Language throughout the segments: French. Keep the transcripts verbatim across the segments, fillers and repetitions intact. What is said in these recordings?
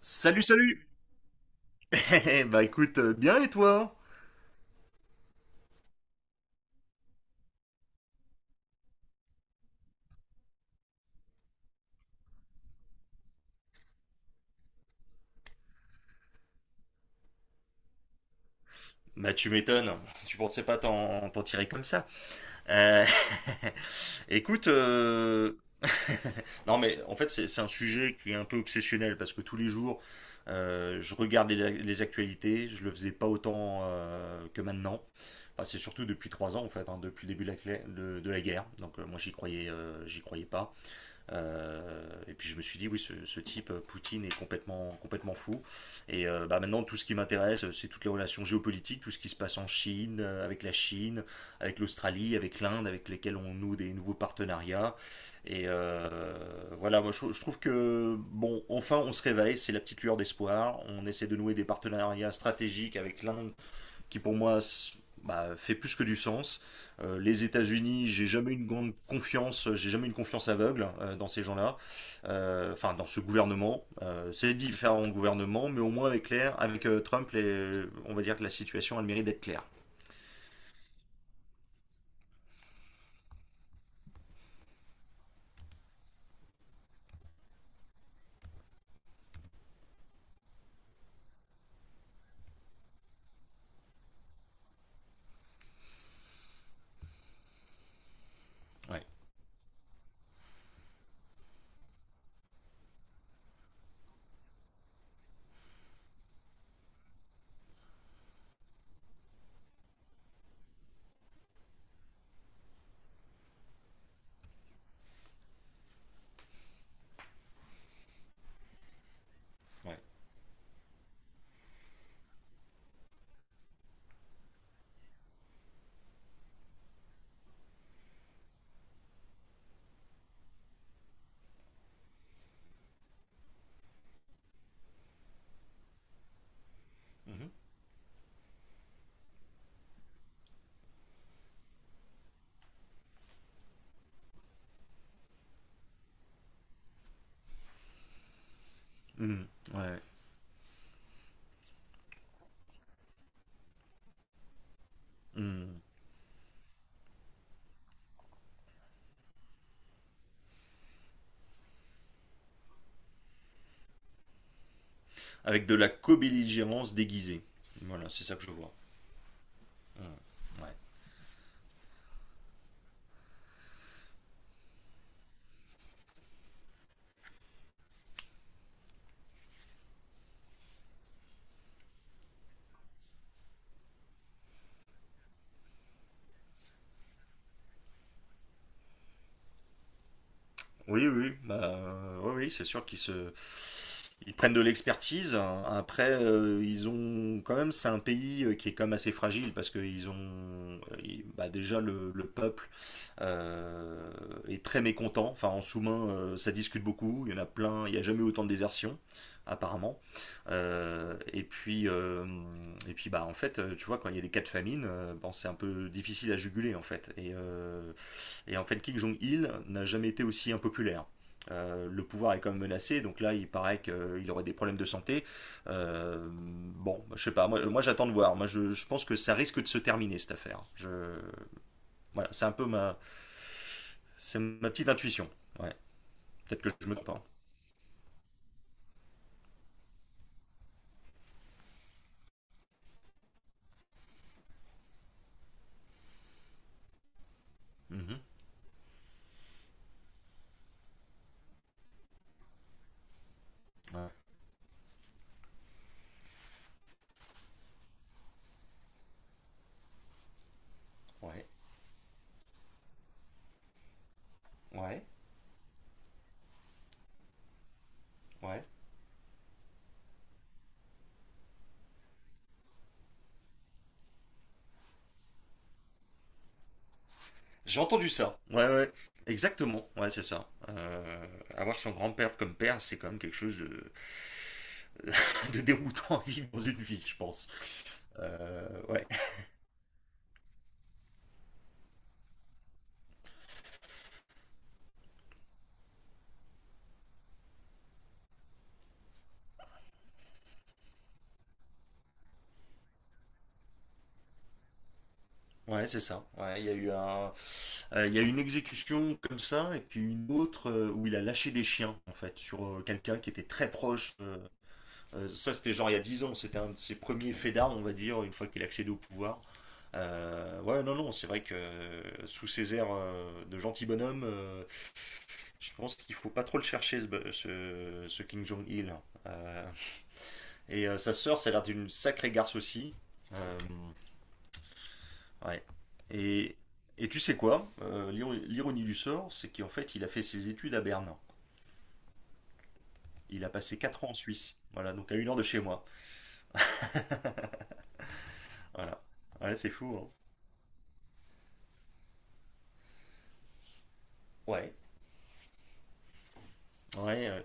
Salut, salut. Bah écoute, euh, bien et toi? Bah tu m'étonnes, tu pensais pas t'en t'en tirer comme ça. Euh, Écoute, euh, non mais en fait c'est c'est un sujet qui est un peu obsessionnel parce que tous les jours euh, je regarde les, les actualités, je le faisais pas autant euh, que maintenant. Enfin, c'est surtout depuis trois ans en fait, hein, depuis le début de la, clé- de, de la guerre. Donc euh, moi j'y croyais, euh, j'y croyais pas. Euh, et puis je me suis dit, oui, ce, ce type, euh, Poutine, est complètement, complètement fou. Et euh, bah, maintenant, tout ce qui m'intéresse, euh, c'est toutes les relations géopolitiques, tout ce qui se passe en Chine, euh, avec la Chine, avec l'Australie, avec l'Inde, avec lesquels on noue des nouveaux partenariats. Et euh, voilà, moi je, je trouve que, bon, enfin on se réveille, c'est la petite lueur d'espoir. On essaie de nouer des partenariats stratégiques avec l'Inde qui pour moi bah, fait plus que du sens. Euh, les États-Unis, j'ai jamais une grande confiance, j'ai jamais une confiance aveugle euh, dans ces gens-là. Euh, enfin dans ce gouvernement. Euh, c'est différents gouvernements, mais au moins avec clair, avec euh, Trump, les- on va dire que la situation a le mérite d'être claire. Ouais, ouais. Mhm. Mhm. Ouais. Mhm. Avec de la co-belligérance déguisée. Voilà, c'est ça que je vois. Mhm. Ouais. Oui, oui, bah, euh, oui, oui, c'est sûr qu'ils se... ils prennent de l'expertise. Après, euh, ils ont quand même, c'est un pays euh, qui est quand même assez fragile parce que ils ont, euh, ils- bah, déjà le, le peuple euh, est très mécontent. Enfin, en sous-main, euh, ça discute beaucoup. Il y en a plein. Il n'y a jamais eu autant de désertion, apparemment. Euh, et puis, euh, et puis, bah, en fait, euh, tu vois, quand il y a des cas de famine, euh, bon, c'est un peu difficile à juguler, en fait. Et euh, et en fait, Kim Jong-il n'a jamais été aussi impopulaire. Euh, le pouvoir est quand même menacé, donc là il paraît qu'il aurait des problèmes de santé. Euh, bon, bah, je sais pas, moi, moi j'attends de voir. Moi je, je, pense que ça risque de se terminer cette affaire. Je... Voilà, c'est un peu ma, c'est ma petite intuition. Ouais, peut-être que je me trompe. Mm -hmm. Ouais, ouais, ouais, ouais. J'ai entendu ça. Ouais, ouais. Exactement, ouais, c'est ça. Euh, avoir son grand-père comme père, c'est quand même quelque chose de, de déroutant à vivre dans une vie, je pense. Euh, ouais, ouais, c'est ça. Ouais, il y a eu un, euh, il y a eu une exécution comme ça, et puis une autre euh, où il a lâché des chiens, en fait, sur euh, quelqu'un qui était très proche. Euh, euh, ça, c'était genre il y a dix ans, c'était un de ses premiers faits d'armes, on va dire, une fois qu'il a accédé au pouvoir. Euh, ouais, non, non, c'est vrai que euh, sous ses airs euh, de gentil bonhomme, euh, je pense qu'il faut pas trop le chercher, ce, ce, ce King Jong-il, hein. Euh, Et euh, sa sœur, ça a l'air d'une sacrée garce aussi. Euh, ouais. Et, et tu sais quoi? Euh, l'iro- l'ironie du sort, c'est qu'en fait, il a fait ses études à Berne. Il a passé quatre ans en Suisse. Voilà, donc à une heure de chez moi. Voilà. Ouais, c'est fou, hein. Ouais. Ouais. euh,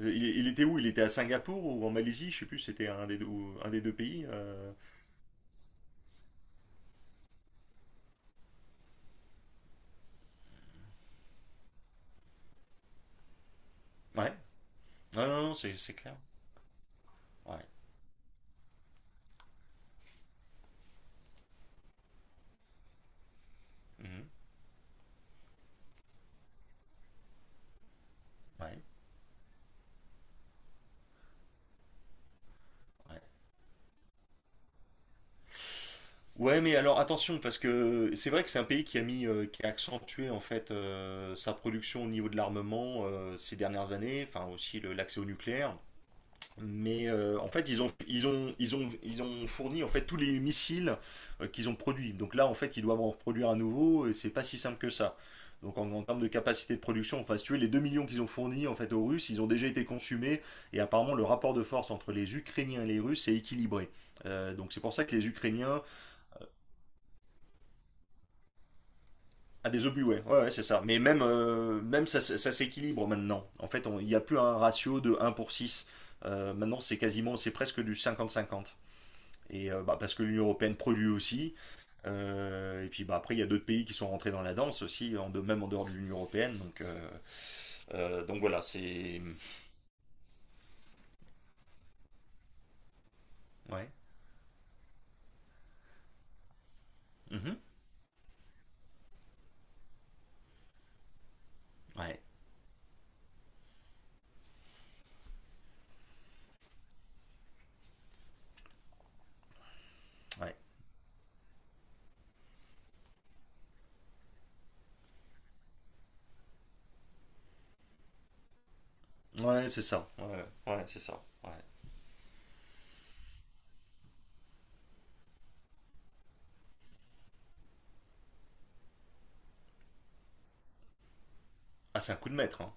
Il, il était où? Il était à Singapour ou en Malaisie? Je sais plus, c'était un des deux, ou un des deux pays. euh. Ouais. Non, non, non, c'est c'est clair. Ouais. Mhm. Ouais. Ouais. Ouais, mais alors attention, parce que c'est vrai que c'est un pays qui a mis, euh, qui a accentué en fait euh, sa production au niveau de l'armement euh, ces dernières années, enfin aussi le- l'accès au nucléaire. Mais euh, en fait, ils ont, ils ont, ils ont, ils ont fourni en fait tous les missiles euh, qu'ils ont produits. Donc là, en fait, ils doivent en reproduire à nouveau et c'est pas si simple que ça. Donc en, en termes de capacité de production, enfin si tu veux, les deux millions qu'ils ont fournis en fait aux Russes, ils ont déjà été consumés, et apparemment le rapport de force entre les Ukrainiens et les Russes est équilibré. Euh, donc c'est pour ça que les Ukrainiens. Ah, des obus, ouais, ouais, ouais, c'est ça. Mais même, euh, même ça, ça- ça s'équilibre maintenant. En fait, on- il n'y a plus un ratio de un pour six. Euh, maintenant, c'est quasiment, c'est presque du cinquante à cinquante. Et euh, bah, parce que l'Union européenne produit aussi. Euh, et puis bah, après, il y a d'autres pays qui sont rentrés dans la danse aussi, en de, même en dehors de l'Union européenne. Donc, euh, euh, donc voilà, c'est. Ouais. Mhm. Ouais, ouais. Ouais, c'est ça. Ouais, ouais, c'est ça. Ouais. Ah, c'est un coup de maître, hein.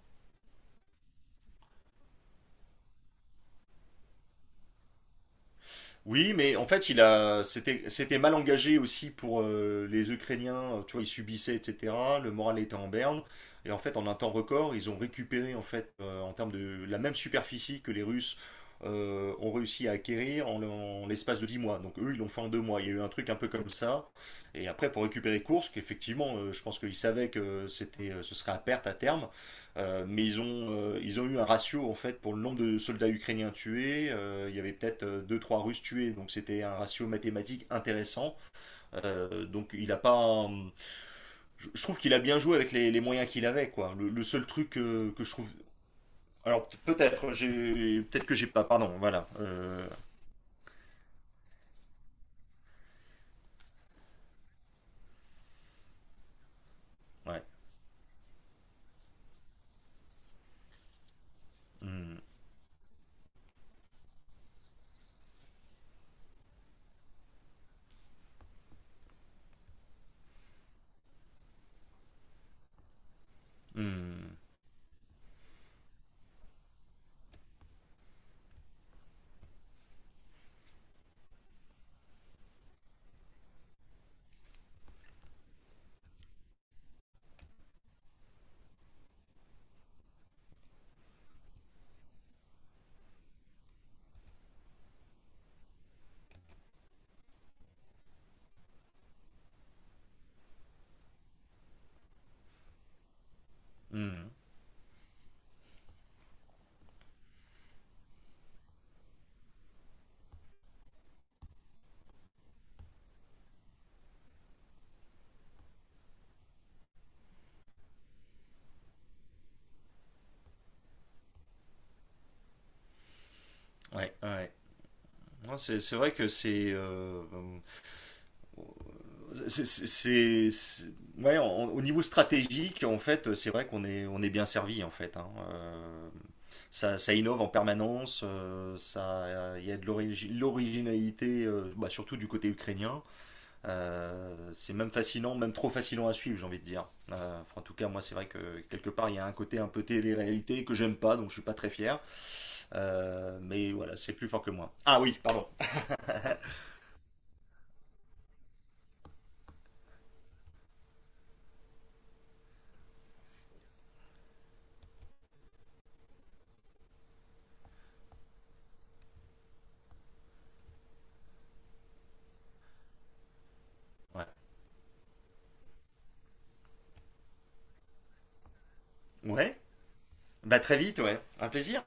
Oui, mais en fait, il a, c'était, c'était mal engagé aussi pour euh, les Ukrainiens. Euh, Tu vois, ils subissaient, et cetera. Le moral était en berne. Et en fait, en un temps record, ils ont récupéré en fait, euh, en termes de la même superficie que les Russes euh, ont réussi à acquérir en, en l'espace de dix mois. Donc eux, ils l'ont fait en deux mois. Il y a eu un truc un peu comme ça. Et après, pour récupérer Kursk, effectivement, euh, je pense qu'ils savaient que c'était, euh, ce serait à perte à terme. Euh, mais ils ont, euh, ils ont eu un ratio en fait pour le nombre de soldats ukrainiens tués. Euh, il y avait peut-être euh, deux trois Russes tués, donc c'était un ratio mathématique intéressant. Euh, donc il a pas. Je, je trouve qu'il a bien joué avec les, les moyens qu'il avait. Quoi. Le, le seul truc que que je trouve. Alors peut-être, j'ai... peut-être que j'ai pas. Pardon, voilà. Euh, ouais. Mm, mm, mm, ouais. Ouais, ouais. C'est, c'est vrai que c'est. euh, C'est, c'est- c'est- ouais, on- au niveau stratégique, en fait, c'est vrai qu'on est, on est bien servi, en fait, hein. Euh, ça, ça innove en permanence, euh, ça, il y a de l'origi- l'originalité, euh, bah, surtout du côté ukrainien. Euh, c'est même fascinant, même trop fascinant à suivre, j'ai envie de dire. Euh, enfin, en tout cas, moi, c'est vrai que quelque part, il y a un côté un peu télé-réalité que j'aime pas, donc je suis pas très fier. Euh, mais voilà, c'est plus fort que moi. Ah oui, pardon. Ouais. Ouais. Bah très vite, ouais. Un plaisir.